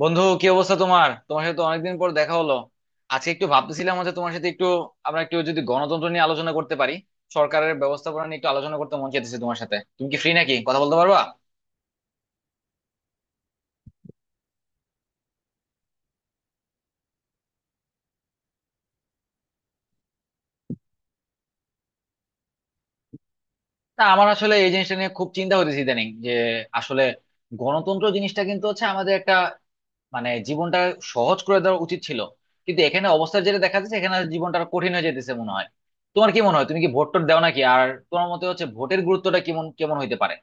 বন্ধু, কি অবস্থা? তোমার তোমার সাথে তো অনেকদিন পর দেখা হলো। আজকে একটু ভাবতেছিলাম হচ্ছে তোমার সাথে একটু আমরা একটু যদি গণতন্ত্র নিয়ে আলোচনা করতে পারি, সরকারের ব্যবস্থাপনা নিয়ে একটু আলোচনা করতে মন চাইতেছে তোমার সাথে। তুমি কি ফ্রি, নাকি কথা বলতে পারবা? না, আমার আসলে এই জিনিসটা নিয়ে খুব চিন্তা হইতেছে ইদানিং যে, আসলে গণতন্ত্র জিনিসটা কিন্তু হচ্ছে আমাদের একটা, মানে জীবনটা সহজ করে দেওয়া উচিত ছিল, কিন্তু এখানে অবস্থা যেটা দেখা যাচ্ছে, এখানে জীবনটা আরো কঠিন হয়ে যেতেছে মনে হয়। তোমার কি মনে হয়, তুমি কি ভোট টোট দাও নাকি আর, তোমার মতে হচ্ছে ভোটের গুরুত্বটা কেমন কেমন হইতে পারে?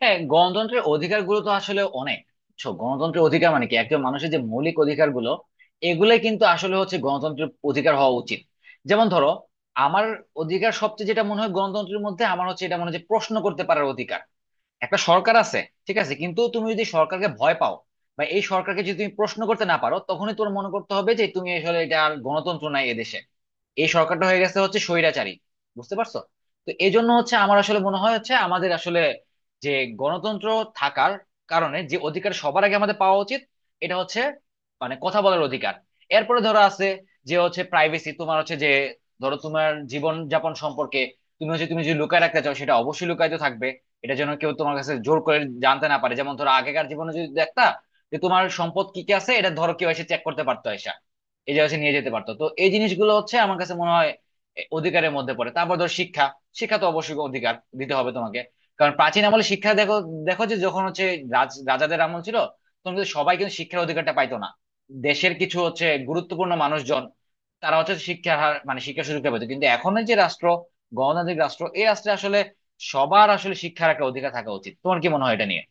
হ্যাঁ, গণতন্ত্রের অধিকার গুলো তো আসলে অনেক। বুঝছো? গণতন্ত্রের অধিকার মানে কি, একজন মানুষের যে মৌলিক অধিকার গুলো, এগুলাই কিন্তু আসলে হচ্ছে গণতন্ত্রের অধিকার হওয়া উচিত। যেমন ধরো, আমার অধিকার সবচেয়ে যেটা মনে হয় গণতন্ত্রের মধ্যে, আমার হচ্ছে এটা মনে হয় যে প্রশ্ন করতে পারার অধিকার। একটা সরকার আছে, ঠিক আছে, কিন্তু তুমি যদি সরকারকে ভয় পাও বা এই সরকারকে যদি তুমি প্রশ্ন করতে না পারো, তখনই তোমার মনে করতে হবে যে তুমি আসলে এটা আর গণতন্ত্র নাই এদেশে। এই সরকারটা হয়ে গেছে হচ্ছে স্বৈরাচারী। বুঝতে পারছো? তো এই জন্য হচ্ছে আমার আসলে মনে হয় হচ্ছে, আমাদের আসলে যে গণতন্ত্র থাকার কারণে যে অধিকার সবার আগে আমাদের পাওয়া উচিত, এটা হচ্ছে মানে কথা বলার অধিকার। এরপরে ধরো আছে যে হচ্ছে প্রাইভেসি। তোমার হচ্ছে যে, ধরো তোমার জীবন যাপন সম্পর্কে তুমি হচ্ছে, তুমি যদি লুকায় রাখতে চাও, সেটা অবশ্যই লুকায়িত থাকবে। এটা যেন কেউ তোমার কাছে জোর করে জানতে না পারে। যেমন ধরো, আগেকার জীবনে যদি দেখতা, যে তোমার সম্পদ কি কি আছে, এটা ধরো কেউ এসে চেক করতে পারতো, এসে এই যে হচ্ছে নিয়ে যেতে পারতো। তো এই জিনিসগুলো হচ্ছে আমার কাছে মনে হয় এ, অধিকারের মধ্যে পড়ে। তারপর ধর শিক্ষা। শিক্ষা তো অবশ্যই অধিকার, দিতে হবে তোমাকে। কারণ প্রাচীন আমলে শিক্ষা দেখো, দেখো যে যখন হচ্ছে রাজ রাজাদের আমল ছিল, তখন কিন্তু সবাই কিন্তু শিক্ষার অধিকারটা পাইতো না। দেশের কিছু হচ্ছে গুরুত্বপূর্ণ মানুষজন, তারা হচ্ছে শিক্ষার হার মানে শিক্ষার সুযোগটা পেতো। কিন্তু এখন যে রাষ্ট্র, গণতান্ত্রিক রাষ্ট্র, এই রাষ্ট্রে আসলে সবার আসলে শিক্ষার একটা অধিকার থাকা উচিত। তোমার কি মনে হয় এটা নিয়ে?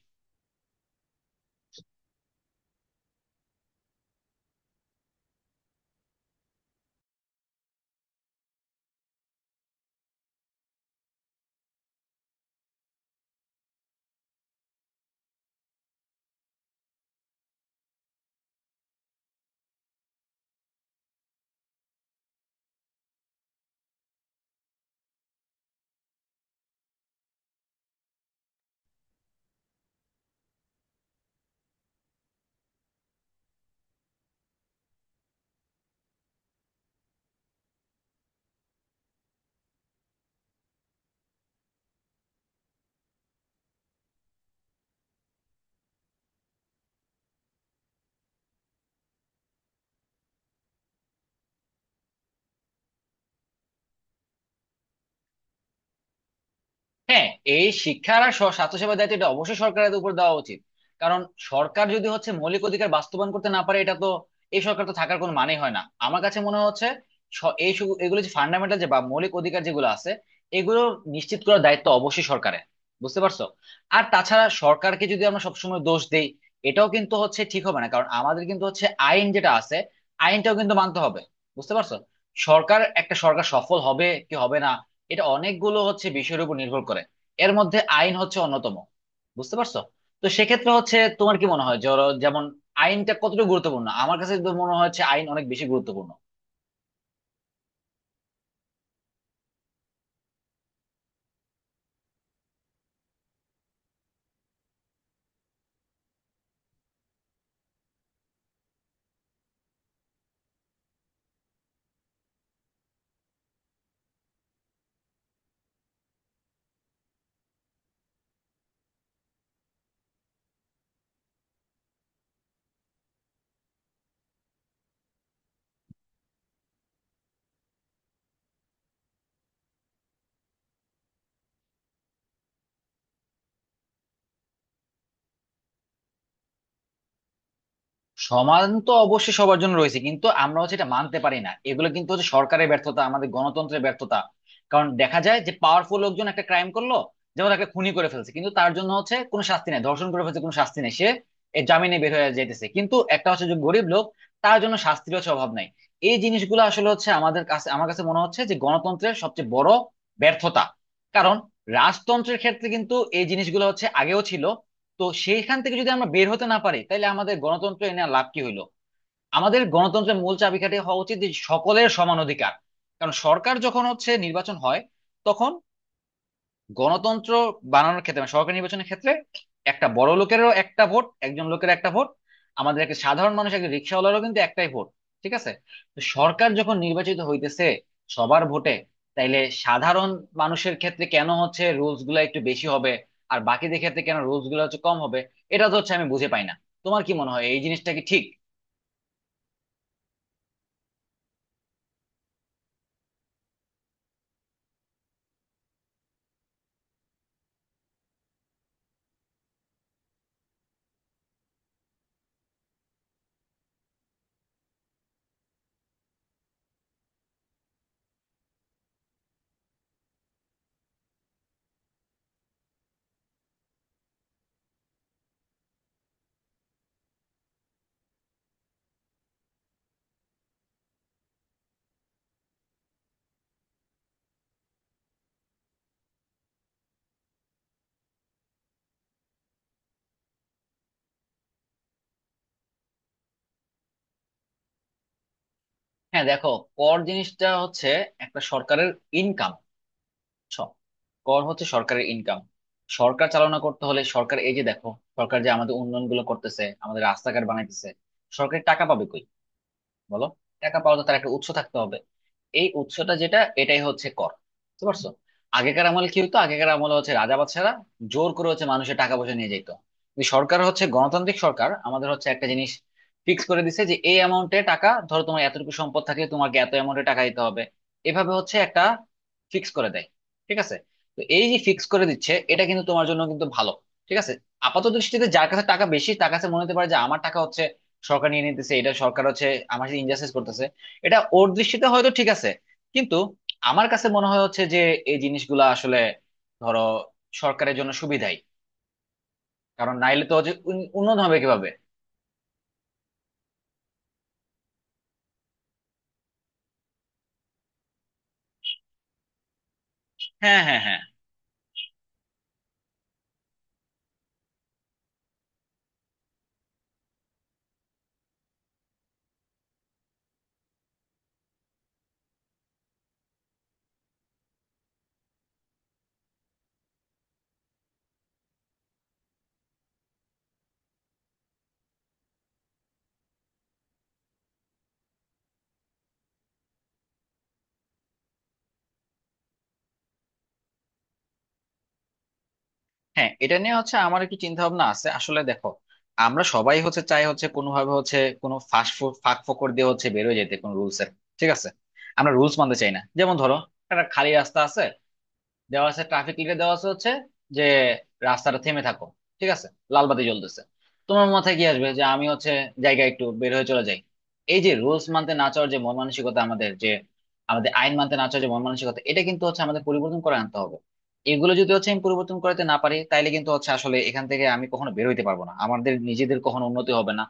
হ্যাঁ, এই শিক্ষার আর স্বাস্থ্যসেবার দায়িত্ব এটা অবশ্যই সরকারের উপর দেওয়া উচিত। কারণ সরকার যদি হচ্ছে মৌলিক অধিকার বাস্তবায়ন করতে না পারে, এটা তো, এই সরকার তো থাকার কোনো মানে হয় না আমার কাছে মনে হচ্ছে। এগুলো যে ফান্ডামেন্টাল যে বা মৌলিক অধিকার যেগুলো আছে, এগুলো নিশ্চিত করার দায়িত্ব অবশ্যই সরকারের। বুঝতে পারছো? আর তাছাড়া সরকারকে যদি আমরা সবসময় দোষ দেই, এটাও কিন্তু হচ্ছে ঠিক হবে না। কারণ আমাদের কিন্তু হচ্ছে আইন যেটা আছে, আইনটাও কিন্তু মানতে হবে। বুঝতে পারছো? সরকার একটা সরকার সফল হবে কি হবে না, এটা অনেকগুলো হচ্ছে বিষয়ের উপর নির্ভর করে। এর মধ্যে আইন হচ্ছে অন্যতম। বুঝতে পারছো? তো সেক্ষেত্রে হচ্ছে তোমার কি মনে হয় যেমন আইনটা কতটা গুরুত্বপূর্ণ? আমার কাছে তো মনে হচ্ছে আইন অনেক বেশি গুরুত্বপূর্ণ। সমাধান তো অবশ্যই সবার জন্য রয়েছে, কিন্তু আমরা হচ্ছে এটা মানতে পারি না। এগুলো কিন্তু হচ্ছে সরকারের ব্যর্থতা, আমাদের গণতন্ত্রের ব্যর্থতা। কারণ দেখা যায় যে পাওয়ারফুল লোকজন একটা ক্রাইম করলো, যেমন একটা খুনি করে ফেলছে, কিন্তু তার জন্য হচ্ছে কোনো শাস্তি নেই। ধর্ষণ করে ফেলছে, কোনো শাস্তি নেই, সে এর জামিনে বের হয়ে যেতেছে। কিন্তু একটা হচ্ছে যে গরিব লোক, তার জন্য শাস্তির হচ্ছে অভাব নাই। এই জিনিসগুলো আসলে হচ্ছে আমাদের কাছে, আমার কাছে মনে হচ্ছে যে গণতন্ত্রের সবচেয়ে বড় ব্যর্থতা। কারণ রাজতন্ত্রের ক্ষেত্রে কিন্তু এই জিনিসগুলো হচ্ছে আগেও ছিল। তো সেইখান থেকে যদি আমরা বের হতে না পারি, তাহলে আমাদের গণতন্ত্র এনে আর লাভ কি হইলো? আমাদের গণতন্ত্রের মূল চাবিকাঠি হওয়া উচিত যে সকলের সমান অধিকার। কারণ সরকার যখন হচ্ছে নির্বাচন হয়, তখন গণতন্ত্র বানানোর ক্ষেত্রে মানে সরকারি নির্বাচনের ক্ষেত্রে, একটা বড় লোকেরও একটা ভোট, একজন লোকের একটা ভোট, আমাদের একটা সাধারণ মানুষ, একটা রিক্সাওয়ালারও কিন্তু একটাই ভোট। ঠিক আছে? তো সরকার যখন নির্বাচিত হইতেছে সবার ভোটে, তাইলে সাধারণ মানুষের ক্ষেত্রে কেন হচ্ছে রুলস গুলা একটু বেশি হবে, আর বাকিদের ক্ষেত্রে কেন রুলস গুলা হচ্ছে কম হবে? এটা তো হচ্ছে আমি বুঝে পাই না। তোমার কি মনে হয়, এই জিনিসটা কি ঠিক? হ্যাঁ দেখো, কর জিনিসটা হচ্ছে একটা সরকারের ইনকাম। বুঝছো? কর হচ্ছে সরকারের ইনকাম। সরকার চালনা করতে হলে সরকার, এই যে দেখো, সরকার যে আমাদের উন্নয়ন গুলো করতেছে, আমাদের রাস্তাঘাট বানাইতেছে, সরকার টাকা পাবে কই বলো? টাকা পাওয়া তো তার একটা উৎস থাকতে হবে। এই উৎসটা যেটা, এটাই হচ্ছে কর। বুঝতে পারছো? আগেকার আমলে কি হতো, আগেকার আমলে হচ্ছে রাজা বাদশারা জোর করে হচ্ছে মানুষের টাকা পয়সা নিয়ে যেত। কিন্তু সরকার হচ্ছে গণতান্ত্রিক সরকার, আমাদের হচ্ছে একটা জিনিস ফিক্স করে দিছে যে এই অ্যামাউন্টে টাকা, ধরো তোমার এতটুকু সম্পদ থাকলে তোমাকে এত অ্যামাউন্টে টাকা দিতে হবে। এভাবে হচ্ছে একটা ফিক্স করে দেয়। ঠিক আছে? তো এই যে ফিক্স করে দিচ্ছে, এটা কিন্তু তোমার জন্য কিন্তু ভালো। ঠিক আছে? আপাত দৃষ্টিতে যার কাছে টাকা বেশি, তার কাছে মনে হতে পারে যে আমার টাকা হচ্ছে সরকার নিয়ে নিতেছে, এটা সরকার হচ্ছে আমার সাথে ইনজাস্টিস করতেছে। এটা ওর দৃষ্টিতে হয়তো ঠিক আছে, কিন্তু আমার কাছে মনে হয় হচ্ছে যে এই জিনিসগুলা আসলে, ধরো, সরকারের জন্য সুবিধাই। কারণ নাইলে তো হচ্ছে উন্নয়ন হবে কিভাবে? হ্যাঁ, হ্যাঁ, হ্যাঁ। হ্যাঁ, এটা নিয়ে হচ্ছে আমার কি চিন্তা ভাবনা আছে আসলে, দেখো, আমরা সবাই হচ্ছে চাই হচ্ছে কোনোভাবে হচ্ছে কোনো ফাঁস, ফাঁক ফোকর দিয়ে হচ্ছে বেরোয় যেতে কোনো রুলস এর। ঠিক আছে? আমরা রুলস মানতে চাই না। যেমন ধরো, একটা খালি রাস্তা আছে, দেওয়া আছে ট্রাফিক লিটে, দেওয়া আছে হচ্ছে যে রাস্তাটা থেমে থাকো। ঠিক আছে? লাল বাতি জ্বলতেছে, তোমার মাথায় কি আসবে যে আমি হচ্ছে জায়গায় একটু বের হয়ে চলে যাই। এই যে রুলস মানতে না চাওয়ার যে মন মানসিকতা আমাদের, যে আমাদের আইন মানতে না চাওয়ার যে মন মানসিকতা, এটা কিন্তু হচ্ছে আমাদের পরিবর্তন করে আনতে হবে। এগুলো যদি হচ্ছে আমি পরিবর্তন করতে না পারি, তাইলে কিন্তু হচ্ছে আসলে এখান থেকে আমি কখনো বের হইতে পারবো না, আমাদের নিজেদের কখনো উন্নতি হবে না।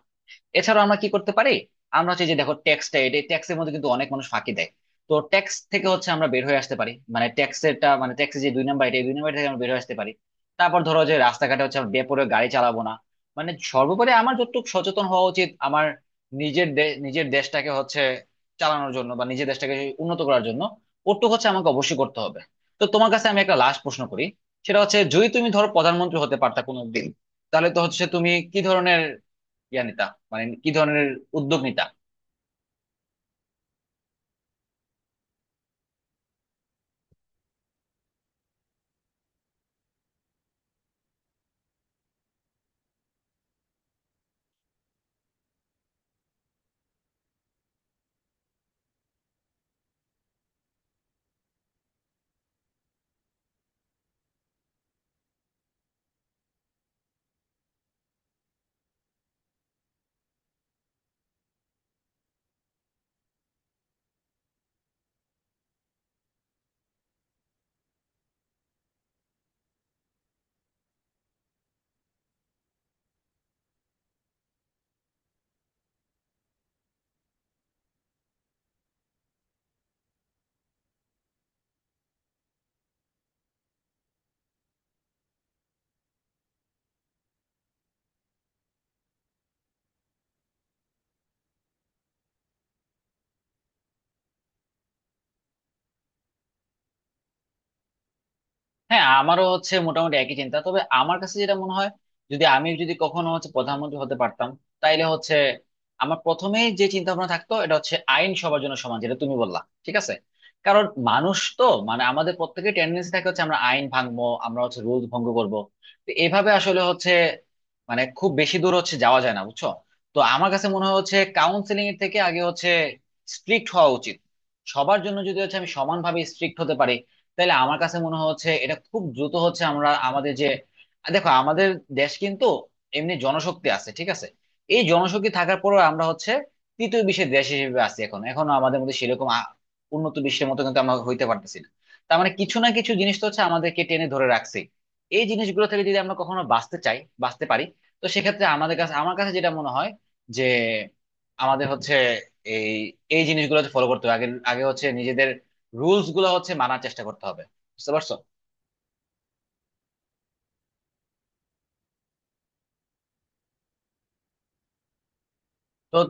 এছাড়াও আমরা কি করতে পারি? আমরা হচ্ছে যে দেখো, ট্যাক্সটা, এটা ট্যাক্সের মধ্যে কিন্তু অনেক মানুষ ফাঁকি দেয়। তো ট্যাক্স থেকে হচ্ছে আমরা বের হয়ে আসতে পারি, মানে ট্যাক্সেরটা, মানে ট্যাক্সের যে দুই নাম্বার, এটা, এই দুই নাম্বার থেকে আমরা বের হয়ে আসতে পারি। তারপর ধরো যে রাস্তাঘাটে হচ্ছে আমরা বেপরোয়া গাড়ি চালাবো না। মানে সর্বোপরি আমার যতটুকু সচেতন হওয়া উচিত আমার নিজের দেশটাকে হচ্ছে চালানোর জন্য বা নিজের দেশটাকে উন্নত করার জন্য, ওটুকু হচ্ছে আমাকে অবশ্যই করতে হবে। তো তোমার কাছে আমি একটা লাস্ট প্রশ্ন করি। সেটা হচ্ছে যদি তুমি ধরো প্রধানমন্ত্রী হতে পারতা কোনো দিন, তাহলে তো হচ্ছে তুমি কি ধরনের ইয়া নিতা, মানে কি ধরনের উদ্যোগ নিতা? হ্যাঁ, আমারও হচ্ছে মোটামুটি একই চিন্তা। তবে আমার কাছে যেটা মনে হয়, যদি আমি কখনো হচ্ছে প্রধানমন্ত্রী হতে পারতাম, তাইলে হচ্ছে আমার প্রথমেই যে চিন্তা ভাবনা থাকতো, এটা হচ্ছে আইন সবার জন্য সমান, যেটা তুমি বললা। ঠিক আছে? কারণ মানুষ তো, মানে আমাদের প্রত্যেকের টেন্ডেন্সি থাকে হচ্ছে আমরা আইন ভাঙবো, আমরা হচ্ছে রুল ভঙ্গ করব। তো এভাবে আসলে হচ্ছে মানে খুব বেশি দূর হচ্ছে যাওয়া যায় না, বুঝছো? তো আমার কাছে মনে হয় হচ্ছে কাউন্সিলিং এর থেকে আগে হচ্ছে স্ট্রিক্ট হওয়া উচিত। সবার জন্য যদি হচ্ছে আমি সমানভাবে স্ট্রিক্ট হতে পারি, তাহলে আমার কাছে মনে হচ্ছে এটা খুব দ্রুত হচ্ছে আমরা আমাদের যে, দেখো আমাদের দেশ কিন্তু এমনি জনশক্তি আছে। ঠিক আছে? এই জনশক্তি থাকার পরেও আমরা হচ্ছে তৃতীয় বিশ্বের দেশ হিসেবে আছি এখন, এখনো আমাদের মধ্যে সেরকম উন্নত বিশ্বের মতো কিন্তু আমরা হইতে পারতেছি না। তার মানে কিছু না কিছু জিনিস তো হচ্ছে আমাদেরকে টেনে ধরে রাখছে। এই জিনিসগুলো থেকে যদি আমরা কখনো বাঁচতে চাই, বাঁচতে পারি, তো সেক্ষেত্রে আমাদের কাছে, আমার কাছে যেটা মনে হয়, যে আমাদের হচ্ছে এই, এই জিনিসগুলো ফলো করতে হবে। আগে আগে হচ্ছে রুলস গুলো হচ্ছে মানার চেষ্টা করতে হবে। বুঝতে পারছো? তো